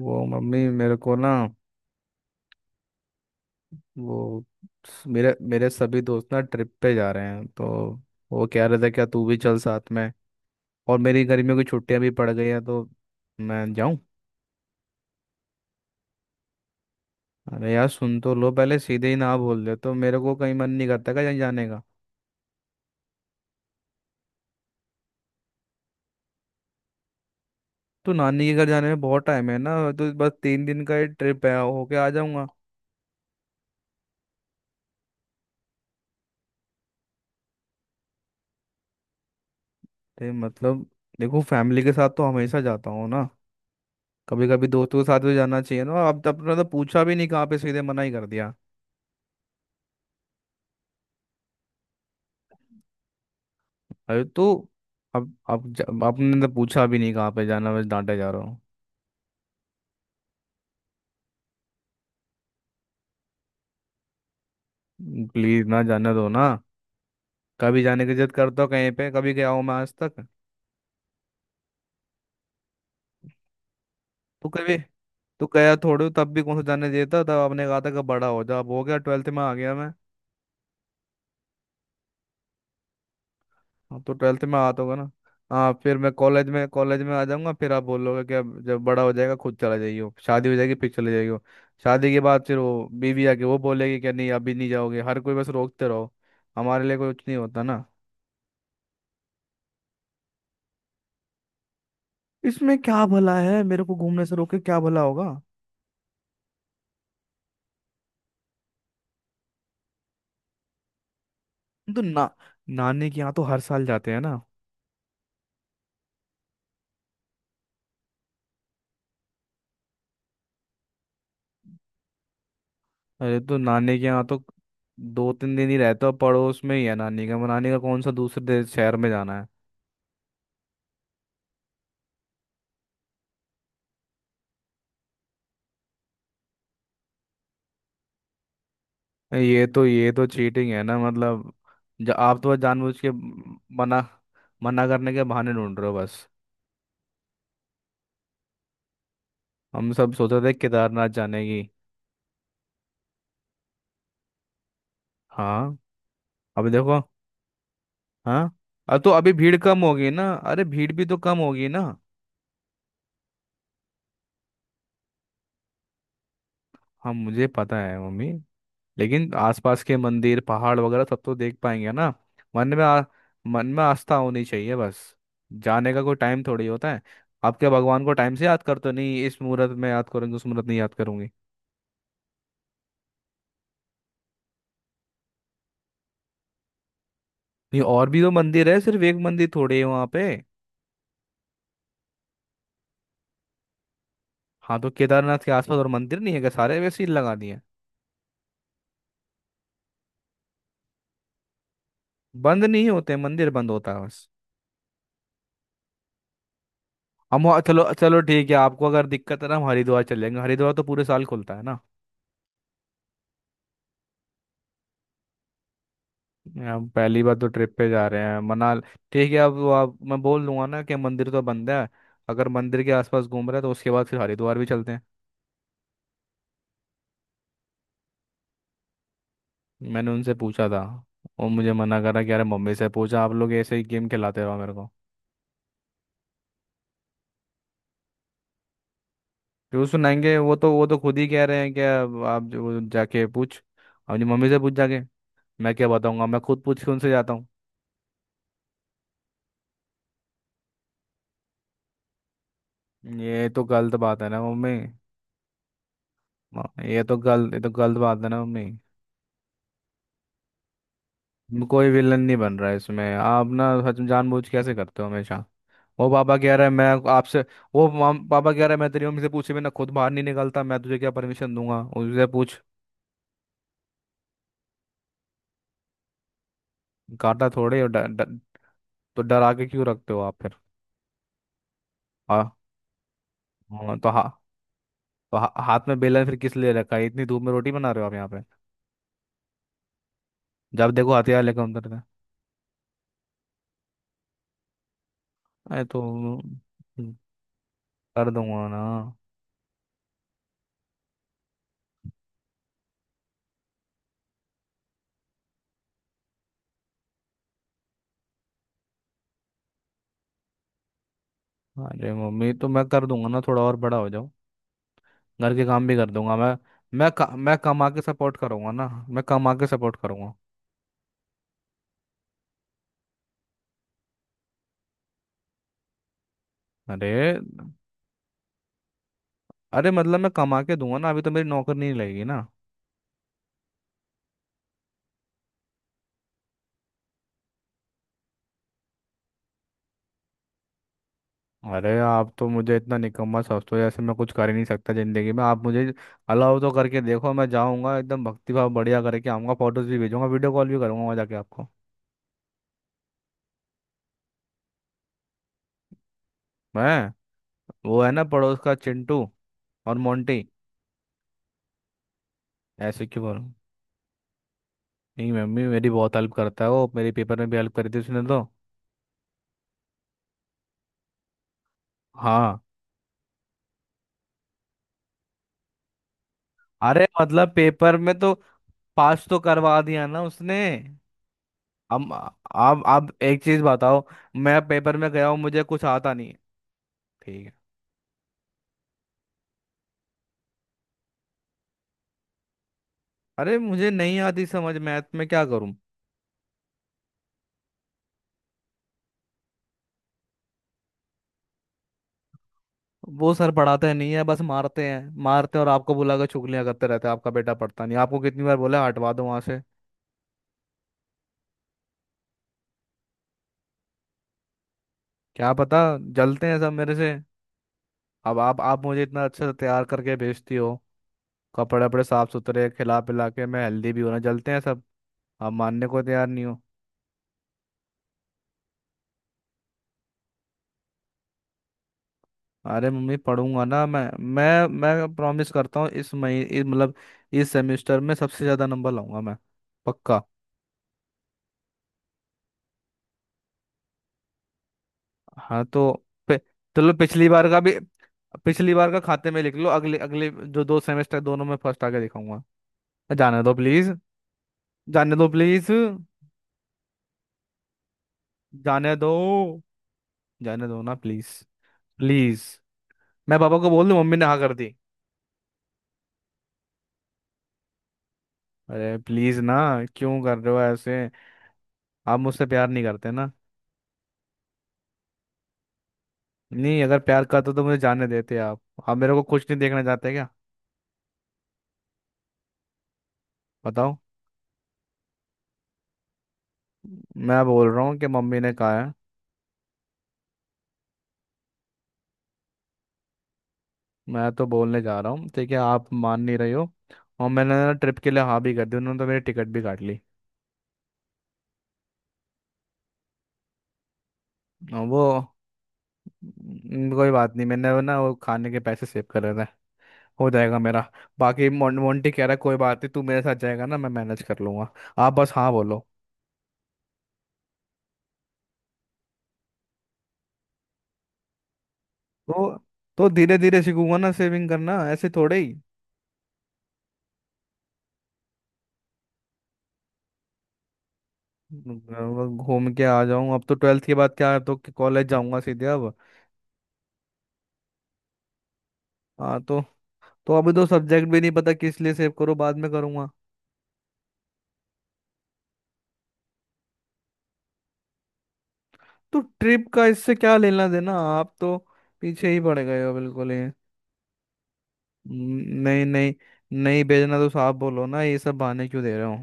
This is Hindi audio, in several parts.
वो मम्मी मेरे को ना, वो मेरे मेरे सभी दोस्त ना ट्रिप पे जा रहे हैं, तो वो कह रहे थे क्या तू भी चल साथ में। और मेरी गर्मियों की छुट्टियां भी पड़ गई हैं, तो मैं जाऊं? अरे यार सुन तो लो पहले, सीधे ही ना बोल दे तो मेरे को कहीं मन नहीं करता कहीं जाने का। तो नानी के घर जाने में बहुत टाइम है ना, तो बस तीन दिन का ही ट्रिप है, होके आ जाऊंगा। तो मतलब देखो, फैमिली के साथ तो हमेशा जाता हूँ ना, कभी कभी दोस्तों के साथ भी जाना चाहिए ना। अब तो अपना तो पूछा भी नहीं कहाँ पे, सीधे मना ही कर दिया। अरे तो अब आपने तो पूछा भी नहीं कहाँ पे जाना, बस डांटे जा रहा हूँ। प्लीज ना जाने दो ना। कभी जाने की जिद करता हूँ, कहीं पे कभी गया हूँ मैं आज तक? तो कभी तो गया थोड़े हो, तब भी कौन सा जाने देता। तब आपने कहा था कि बड़ा हो जा, अब हो गया, ट्वेल्थ में आ गया मैं। अब तो ट्वेल्थ में आता होगा ना। हाँ, फिर मैं कॉलेज में आ जाऊंगा, फिर आप बोलोगे कि अब जब बड़ा हो जाएगा खुद चला जाइयो, शादी हो जाएगी फिर चले जाइयो। शादी के बाद फिर वो बीवी आके वो बोलेगी कि नहीं अभी नहीं जाओगे, हर कोई बस रोकते रहो। हमारे लिए कुछ नहीं होता। इसमें क्या भला है, मेरे को घूमने से रोके क्या भला होगा? हम तो ना, नानी के यहाँ तो हर साल जाते हैं ना। अरे तो नानी के यहाँ तो दो तीन दिन ही रहता हूँ, पड़ोस में ही है नानी का, नानी का कौन सा दूसरे शहर में जाना है। ये तो चीटिंग है ना मतलब। आप तो बस जानबूझ के मना, मना करने के बहाने ढूंढ रहे हो बस। हम सब सोच रहे थे केदारनाथ जाने की। हाँ। अभी देखो। हाँ। अब तो अभी भीड़ कम होगी ना, अरे भीड़ भी तो कम होगी ना। हाँ मुझे पता है मम्मी, लेकिन आसपास के मंदिर पहाड़ वगैरह सब तो देख पाएंगे ना। मन में आ, मन में आस्था होनी चाहिए बस, जाने का कोई टाइम थोड़ी होता है। आप क्या भगवान को टाइम से याद करते हो? नहीं, इस मुहूर्त में याद करूंगी उस मुहूर्त में याद करूंगी? नहीं और भी तो मंदिर है, सिर्फ एक मंदिर थोड़ी है वहाँ पे। हाँ तो केदारनाथ के आसपास और मंदिर नहीं है क्या, सारे वैसे ही लगा दिए? बंद नहीं होते, मंदिर बंद होता है बस। चलो चलो ठीक है, आपको अगर दिक्कत है ना, हम हरिद्वार चलेंगे, हरिद्वार तो पूरे साल खुलता है ना। अब पहली बार तो ट्रिप पे जा रहे हैं मनाल। ठीक है, अब वो आप मैं बोल दूंगा ना कि मंदिर तो बंद है, अगर मंदिर के आसपास घूम रहे हैं तो उसके बाद फिर हरिद्वार भी चलते हैं। मैंने उनसे पूछा था, वो मुझे मना कर रहा कि अरे मम्मी से पूछा। आप लोग ऐसे ही गेम खिलाते रहो मेरे को। क्यों सुनाएंगे? वो तो खुद ही कह रहे हैं कि अब आप जो जाके पूछ अपनी मम्मी से, पूछ जाके। मैं क्या बताऊंगा, मैं खुद पूछ के उनसे जाता हूँ। ये तो गलत बात है ना मम्मी। ये तो गलत बात है ना मम्मी। कोई विलन नहीं बन रहा है इसमें, आप ना सच में जानबूझ के कैसे करते हो हमेशा। वो पापा कह रहा है मैं आपसे, वो पापा कह रहा है मैं तेरी मम्मी से पूछे बिना खुद बाहर नहीं निकलता, मैं तुझे क्या परमिशन दूंगा, उससे पूछ। काटा थोड़े, और ड, ड, तो डरा के क्यों रखते हो आप फिर? हाँ। हाँ तो हा, हाथ में बेलन फिर किस लिए रखा है, इतनी धूप में रोटी बना रहे हो आप यहाँ पे, जब देखो हथियार लेकर उतरते हैं। अरे तो कर दूंगा ना। अरे मम्मी तो मैं कर दूंगा ना, थोड़ा और बड़ा हो जाओ, घर के काम भी कर दूंगा मैं। मैं कमा के सपोर्ट करूंगा ना, मैं कमा के सपोर्ट करूंगा। अरे। अरे मतलब मैं कमा के दूंगा ना, अभी तो मेरी नौकरी नहीं लगेगी ना। अरे आप तो मुझे इतना निकम्मा समझते हो जैसे मैं कुछ कर ही नहीं सकता जिंदगी में। आप मुझे अलाउ तो करके देखो, मैं जाऊंगा एकदम भक्ति भाव बढ़िया करके आऊंगा, फोटोज भी भेजूंगा, वीडियो कॉल भी करूंगा वहां जाके आपको। मैं? वो है ना पड़ोस का चिंटू। और मोंटी। ऐसे क्यों बोलूं? नहीं मम्मी, मेरी बहुत हेल्प करता है वो, मेरे पेपर में भी हेल्प करी थी उसने तो। हाँ। अरे मतलब पेपर में तो पास तो करवा दिया ना उसने। अब, अब एक चीज बताओ, मैं पेपर में गया हूँ मुझे कुछ आता नहीं है। ठीक है। अरे मुझे नहीं आती समझ मैथ में, क्या करूँ? वो सर पढ़ाते नहीं है, बस मारते हैं, मारते हैं और आपको बुला के चुगलियां करते रहते हैं आपका बेटा पढ़ता नहीं। आपको कितनी बार बोला हटवा दो वहां से। क्या पता, जलते हैं सब मेरे से। अब आप मुझे इतना अच्छा तैयार करके भेजती हो, कपड़े वपड़े साफ सुथरे, खिला पिला के मैं हेल्दी भी होना, जलते हैं सब। आप मानने को तैयार नहीं हो। अरे मम्मी पढ़ूंगा ना मैं, मैं प्रॉमिस करता हूँ, इस महीने मतलब इस सेमेस्टर में सबसे ज्यादा नंबर लाऊंगा मैं, पक्का। हाँ तो पे- चलो पिछली बार का भी, पिछली बार का खाते में लिख लो, अगले अगले जो 2 सेमेस्टर, दोनों में फर्स्ट आके दिखाऊंगा। जाने दो प्लीज। जाने दो प्लीज। जाने दो। जाने दो ना प्लीज। प्लीज। मैं पापा को बोल दूं मम्मी ने हाँ कर दी? अरे प्लीज ना। क्यों कर रहे हो ऐसे? आप मुझसे प्यार नहीं करते ना। नहीं, अगर प्यार करते तो मुझे जाने देते आप। आप मेरे को कुछ नहीं देखना चाहते क्या, बताओ? मैं बोल रहा हूँ कि मम्मी ने कहा है। मैं तो बोलने जा रहा हूँ, ठीक है, आप मान नहीं रही हो। और मैंने ना ट्रिप के लिए हाँ भी कर दी, उन्होंने तो मेरी टिकट भी काट ली। और वो कोई बात नहीं, मैंने वो ना, वो खाने के पैसे सेव कर रहे थे, हो जाएगा मेरा। बाकी मोंटी कह रहा है कोई बात नहीं, तू मेरे साथ जाएगा ना, मैं मैनेज कर लूंगा। आप बस हाँ बोलो। तो तो धीरे धीरे सीखूंगा ना सेविंग करना, ऐसे थोड़े ही। मैं घूम के आ जाऊं, अब तो ट्वेल्थ के बाद क्या है, तो कॉलेज जाऊंगा सीधे अब। हाँ तो अभी तो सब्जेक्ट भी नहीं पता, किस लिए सेव करूँ, बाद में करूंगा। तो ट्रिप का इससे क्या लेना देना, आप तो पीछे ही पड़ गए हो, बिल्कुल ही नहीं नहीं। नहीं भेजना तो साफ बोलो ना, ये सब बहाने क्यों दे रहे हो?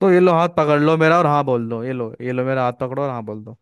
तो ये लो, हाथ पकड़ लो मेरा और हाँ बोल दो, ये लो, ये लो मेरा हाथ पकड़ो और हाँ बोल दो।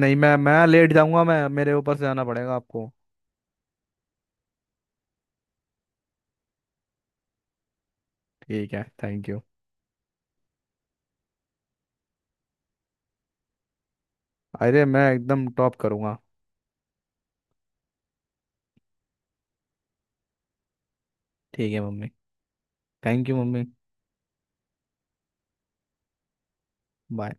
नहीं, मैं लेट जाऊंगा, मैं, मेरे ऊपर से आना पड़ेगा आपको। ठीक है, थैंक यू। अरे मैं एकदम टॉप करूंगा। ठीक है mummy. Thank you mummy. Bye.